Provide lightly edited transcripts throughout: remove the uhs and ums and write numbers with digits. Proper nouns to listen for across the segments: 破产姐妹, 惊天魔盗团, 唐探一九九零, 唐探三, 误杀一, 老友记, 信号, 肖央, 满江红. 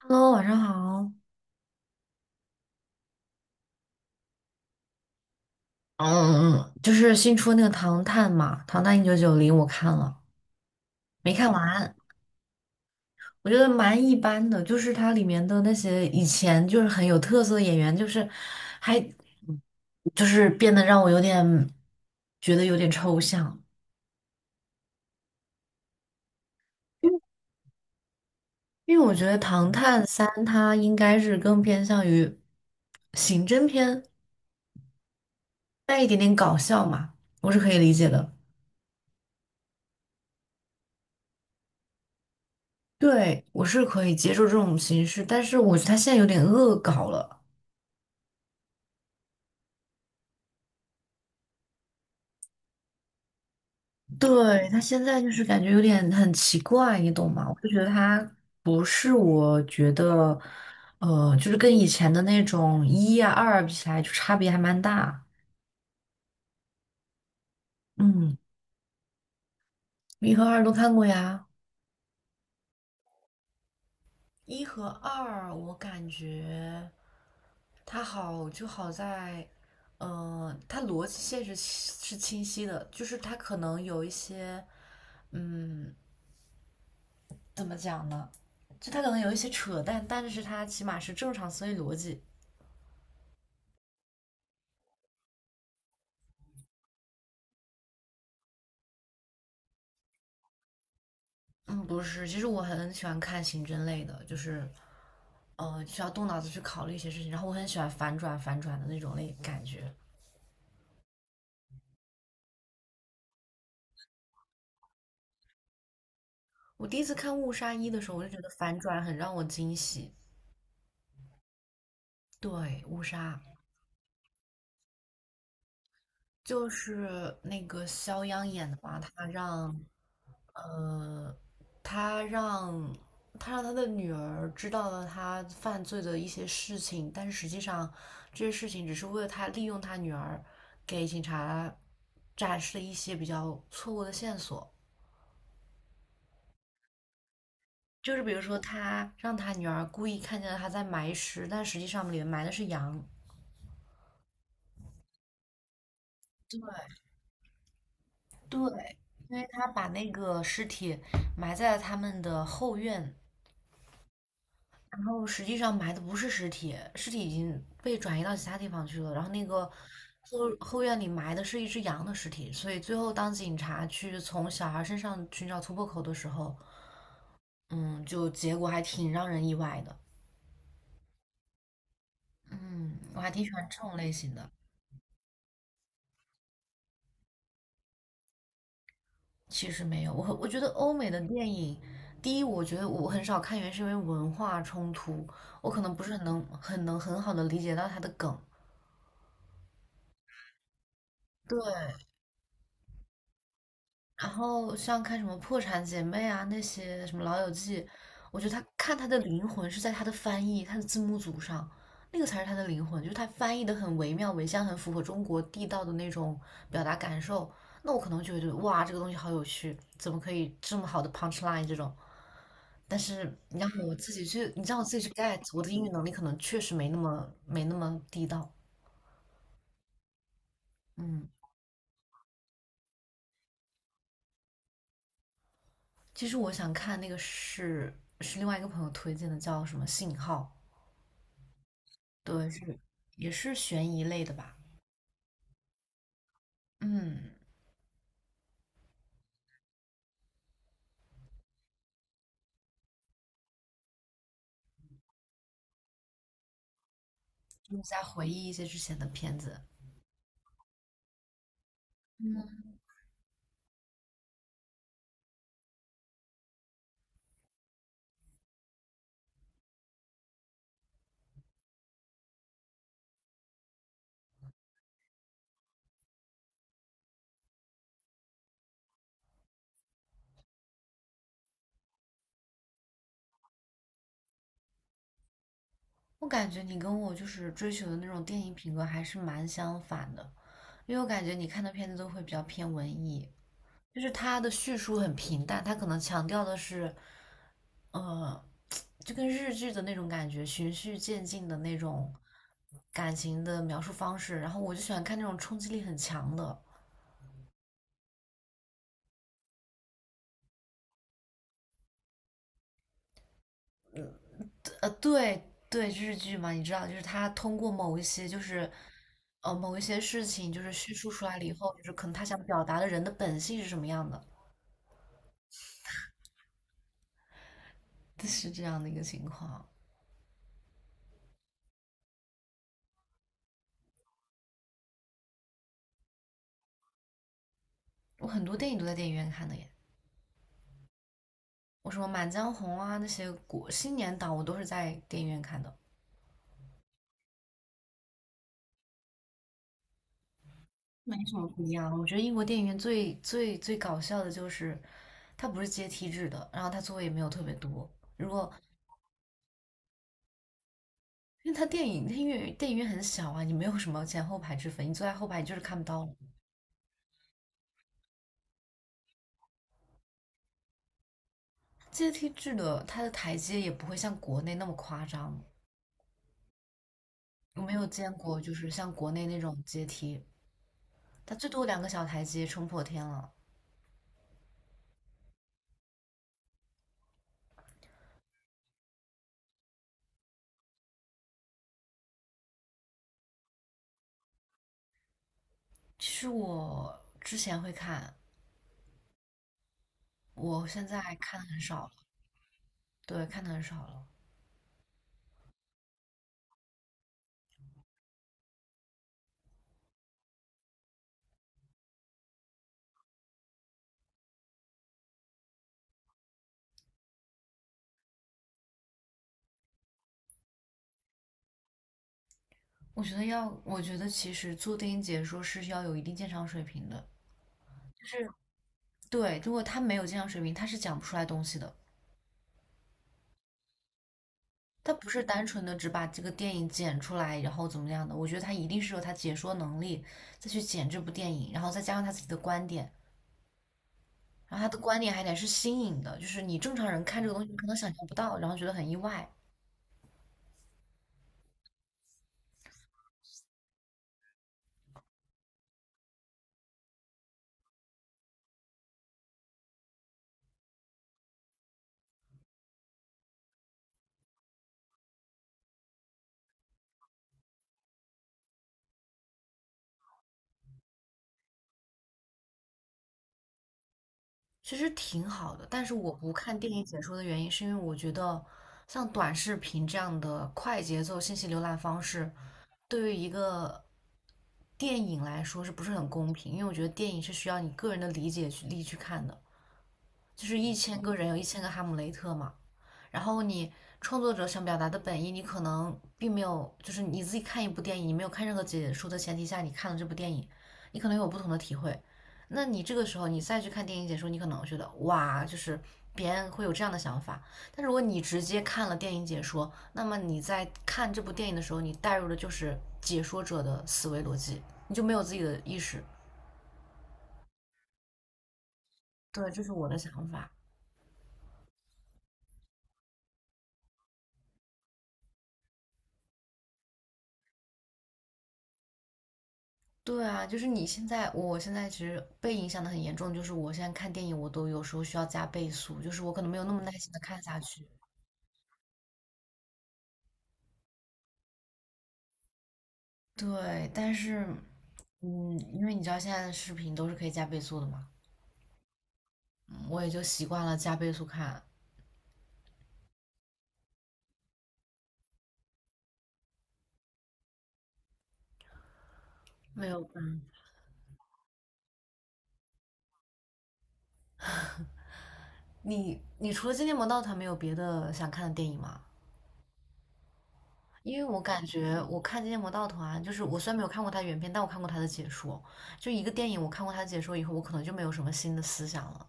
Hello，晚上好。嗯，就是新出那个《唐探》嘛，《唐探1990》，我看了，没看完，我觉得蛮一般的。就是它里面的那些以前就是很有特色的演员，就是还就是变得让我有点觉得有点抽象，因为因为我觉得《唐探三》它应该是更偏向于刑侦片，带一点点搞笑嘛，我是可以理解的。对，我是可以接受这种形式，但是我觉得他现在有点恶搞了。对，他现在就是感觉有点很奇怪，你懂吗？我就觉得他不是我觉得，就是跟以前的那种一呀、二比起来，就差别还蛮大。嗯，一和二都看过呀。一和二，我感觉它好就好在，它逻辑线是清晰的，就是它可能有一些，嗯，怎么讲呢？就它可能有一些扯淡，但是它起码是正常思维逻辑。嗯，不是，其实我很喜欢看刑侦类的，就是，需要动脑子去考虑一些事情，然后我很喜欢反转的那种类感觉。我第一次看《误杀一》的时候，我就觉得反转很让我惊喜。对，《误杀》就是那个肖央演的吧，他让呃，他让他的女儿知道了他犯罪的一些事情，但是实际上这些事情只是为了他利用他女儿给警察展示了一些比较错误的线索，就是比如说他让他女儿故意看见了他在埋尸，但实际上里面埋的是羊。对对，因为他把那个尸体埋在了他们的后院，然后实际上埋的不是尸体，尸体已经被转移到其他地方去了。然后那个后院里埋的是一只羊的尸体，所以最后当警察去从小孩身上寻找突破口的时候，嗯，就结果还挺让人意外的。嗯，我还挺喜欢这种类型的。其实没有，我觉得欧美的电影，第一，我觉得我很少看原因是因为文化冲突，我可能不是很好的理解到它的梗。对，然后像看什么《破产姐妹》啊，那些什么《老友记》，我觉得他看他的灵魂是在他的翻译、他的字幕组上，那个才是他的灵魂，就是他翻译的很惟妙惟肖，很符合中国地道的那种表达感受。那我可能就会觉得哇，这个东西好有趣，怎么可以这么好的 punch line 这种？但是你让我自己去，你让我自己去 get，我的英语能力可能确实没那么地道。嗯，其实我想看那个是另外一个朋友推荐的，叫什么《信号》。对，也是悬疑类的吧？嗯，就是在回忆一些之前的片子。我感觉你跟我就是追求的那种电影品格还是蛮相反的，因为我感觉你看的片子都会比较偏文艺，就是它的叙述很平淡，它可能强调的是，呃，就跟日剧的那种感觉，循序渐进的那种感情的描述方式。然后我就喜欢看那种冲击力很强的，对对，日剧嘛，你知道，就是它通过某一些事情就是叙述出来了以后，就是可能他想表达的人的本性是什么样的，是这样的一个情况。我很多电影都在电影院看的耶，我什么《满江红》啊那些国新年档我都是在电影院看的，没什么不一样。我觉得英国电影院最最最搞笑的就是它不是阶梯制的，然后它座位也没有特别多。如果因为它电影院很小啊，你没有什么前后排之分，你坐在后排你就是看不到了阶梯制的，它的台阶也不会像国内那么夸张，我没有见过，就是像国内那种阶梯，它最多两个小台阶冲破天了。其实我之前会看，我现在看的很少了，对，看的很少了。我觉得其实做电影解说是要有一定鉴赏水平的，就是对，如果他没有鉴赏水平，他是讲不出来东西的。他不是单纯的只把这个电影剪出来，然后怎么样的？我觉得他一定是有他解说能力，再去剪这部电影，然后再加上他自己的观点，然后他的观点还得是新颖的，就是你正常人看这个东西可能想象不到，然后觉得很意外，其实挺好的。但是我不看电影解说的原因，是因为我觉得像短视频这样的快节奏信息浏览方式，对于一个电影来说是不是很公平？因为我觉得电影是需要你个人的理解去力去看的，就是一千个人有一千个哈姆雷特嘛，然后你创作者想表达的本意，你可能并没有，就是你自己看一部电影，你没有看任何解说的前提下，你看了这部电影，你可能有不同的体会。那你这个时候你再去看电影解说，你可能觉得哇，就是别人会有这样的想法。但如果你直接看了电影解说，那么你在看这部电影的时候，你带入的就是解说者的思维逻辑，你就没有自己的意识。对，这是我的想法。对啊，就是你现在，我现在其实被影响的很严重，就是我现在看电影，我都有时候需要加倍速，就是我可能没有那么耐心的看下去。对，但是，因为你知道现在的视频都是可以加倍速的嘛，嗯我也就习惯了加倍速看，没有办法。你除了《惊天魔盗团》，没有别的想看的电影吗？因为我感觉我看《惊天魔盗团》，就是我虽然没有看过它原片，但我看过它的解说。就一个电影，我看过它的解说以后，我可能就没有什么新的思想了。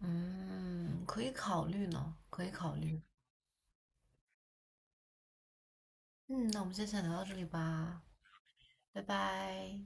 嗯，可以考虑呢，可以考虑。嗯，那我们先聊到这里吧，拜拜。